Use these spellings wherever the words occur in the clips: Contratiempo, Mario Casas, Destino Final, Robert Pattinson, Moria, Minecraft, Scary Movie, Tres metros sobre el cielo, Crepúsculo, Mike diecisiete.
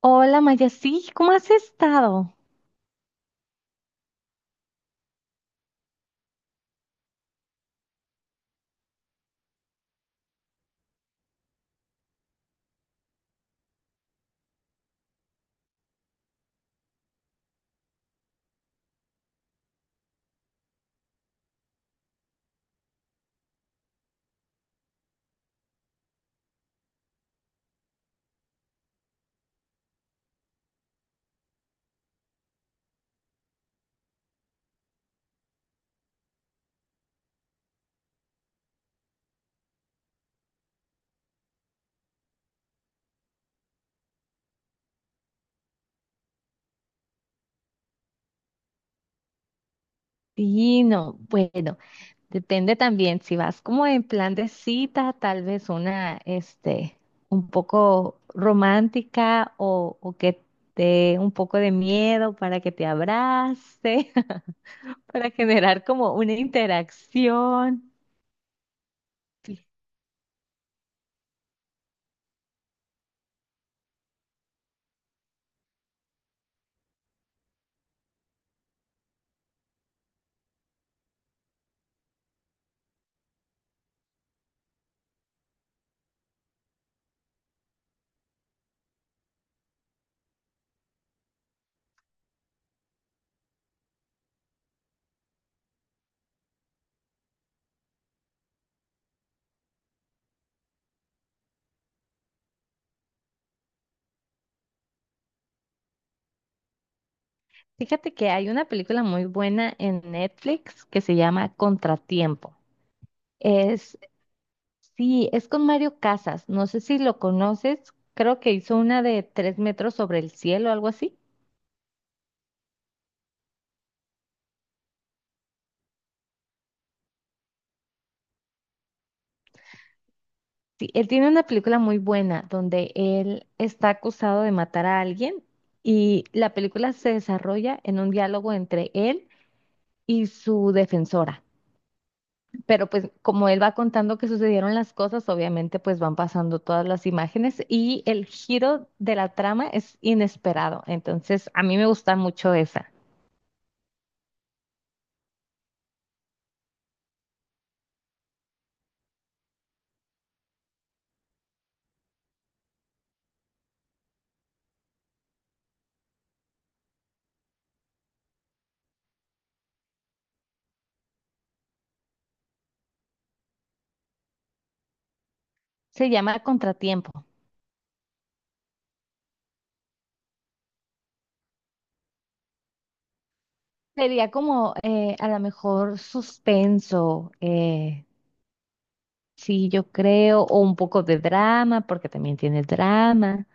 Hola Maya, sí, ¿cómo has estado? Sí, no, bueno, depende también, si vas como en plan de cita, tal vez una, este, un poco romántica o que te dé un poco de miedo para que te abrace, para generar como una interacción. Fí- Fíjate que hay una película muy buena en Netflix que se llama Contratiempo. Sí, es con Mario Casas. No sé si lo conoces. Creo que hizo una de Tres metros sobre el cielo, algo así. Sí, él tiene una película muy buena donde él está acusado de matar a alguien y la película se desarrolla en un diálogo entre él y su defensora. Pero pues como él va contando que sucedieron las cosas, obviamente pues van pasando todas las imágenes y el giro de la trama es inesperado. Entonces a mí me gusta mucho esa. Se llama Contratiempo. Sería como a lo mejor suspenso, sí, yo creo, o un poco de drama, porque también tiene drama.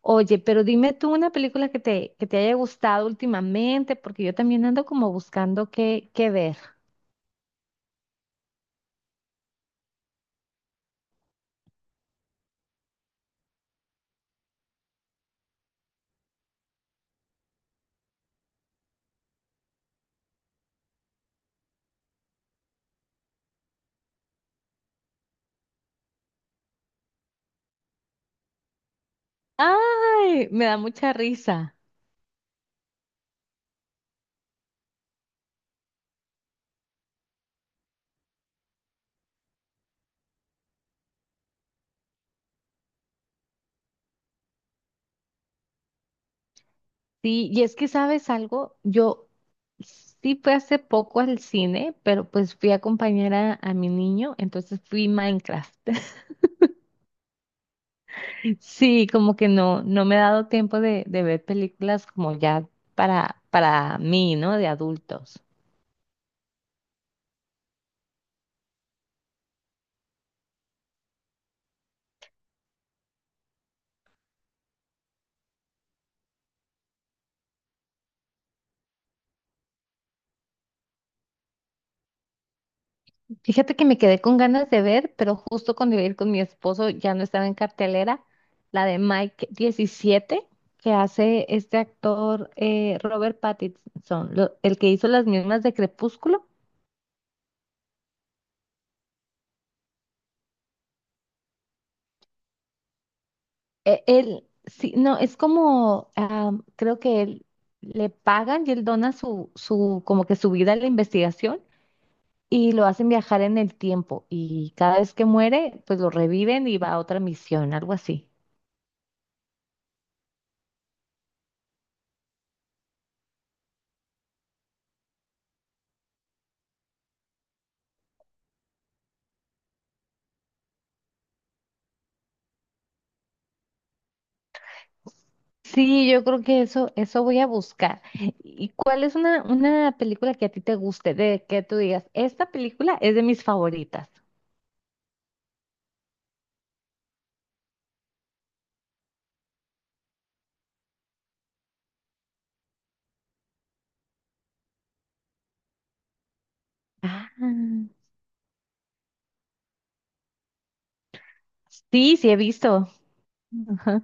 Oye, pero dime tú una película que te haya gustado últimamente, porque yo también ando como buscando qué ver. ¡Ay! Me da mucha risa. Sí, y es que sabes algo, yo sí fui hace poco al cine, pero pues fui a acompañar a mi niño, entonces fui Minecraft. Sí, como que no me he dado tiempo de ver películas como ya para mí, ¿no? De adultos. Fíjate que me quedé con ganas de ver, pero justo cuando iba a ir con mi esposo ya no estaba en cartelera, la de Mike 17 que hace este actor Robert Pattinson, el que hizo las mismas de Crepúsculo. Él, sí, no, es como, ah, creo que él le pagan y él dona como que su vida a la investigación y lo hacen viajar en el tiempo y cada vez que muere, pues lo reviven y va a otra misión, algo así. Sí, yo creo que eso voy a buscar. ¿Y cuál es una película que a ti te guste, de que tú digas, esta película es de mis favoritas? Ah, sí, sí he visto. Ajá.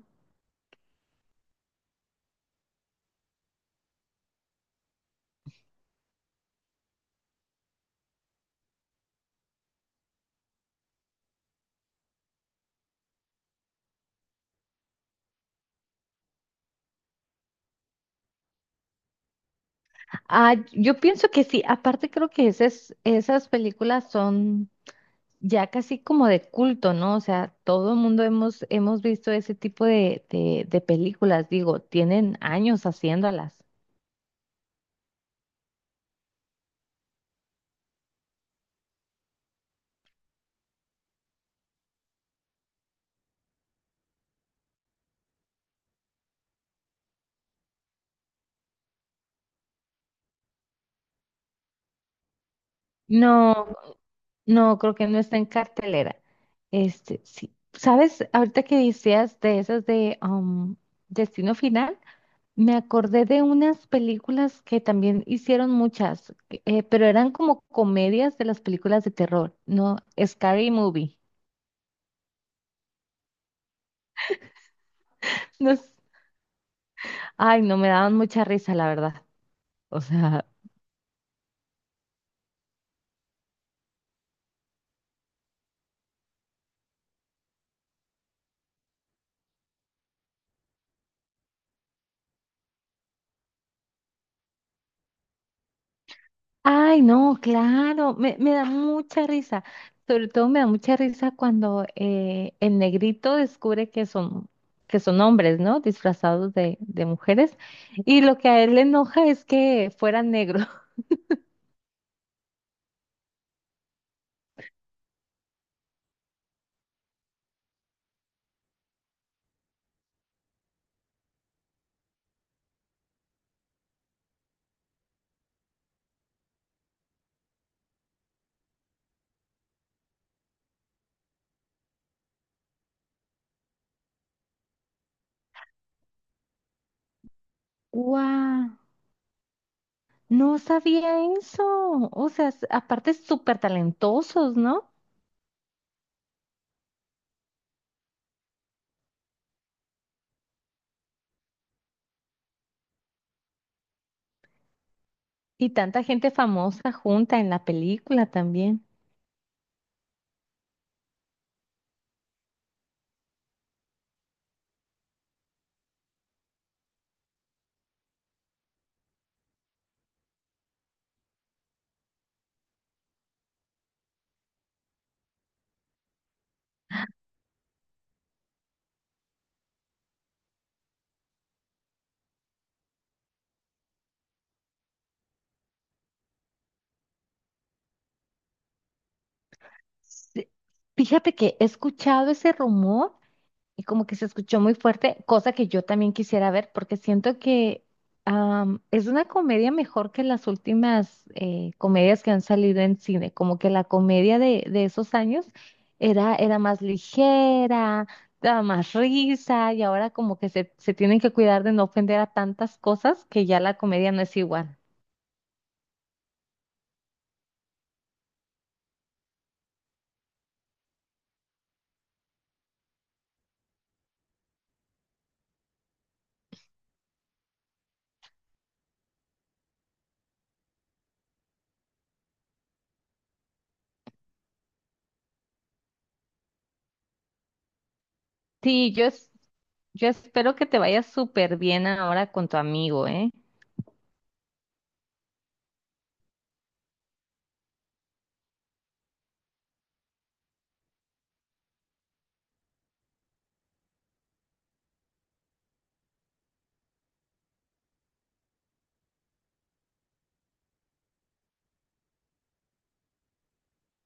Ah, yo pienso que sí. Aparte creo que esas películas son ya casi como de culto, ¿no? O sea, todo el mundo hemos visto ese tipo de películas, digo, tienen años haciéndolas. No, no, creo que no está en cartelera. Este, sí. ¿Sabes? Ahorita que decías de esas de Destino Final, me acordé de unas películas que también hicieron muchas, pero eran como comedias de las películas de terror, ¿no? Scary Movie. No, ay, no, me daban mucha risa, la verdad. O sea, ay, no, claro, me da mucha risa. Sobre todo me da mucha risa cuando el negrito descubre que son hombres, ¿no? Disfrazados de mujeres. Y lo que a él le enoja es que fueran negros. ¡Guau! No sabía eso. O sea, aparte súper talentosos, ¿no? Y tanta gente famosa junta en la película también. Sí, fíjate que he escuchado ese rumor y como que se escuchó muy fuerte, cosa que yo también quisiera ver porque siento que es una comedia mejor que las últimas comedias que han salido en cine, como que la comedia de esos años era más ligera, daba más risa y ahora como que se tienen que cuidar de no ofender a tantas cosas que ya la comedia no es igual. Sí, yo espero que te vaya súper bien ahora con tu amigo, ¿eh?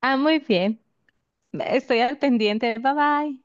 Ah, muy bien. Estoy al pendiente. Bye bye.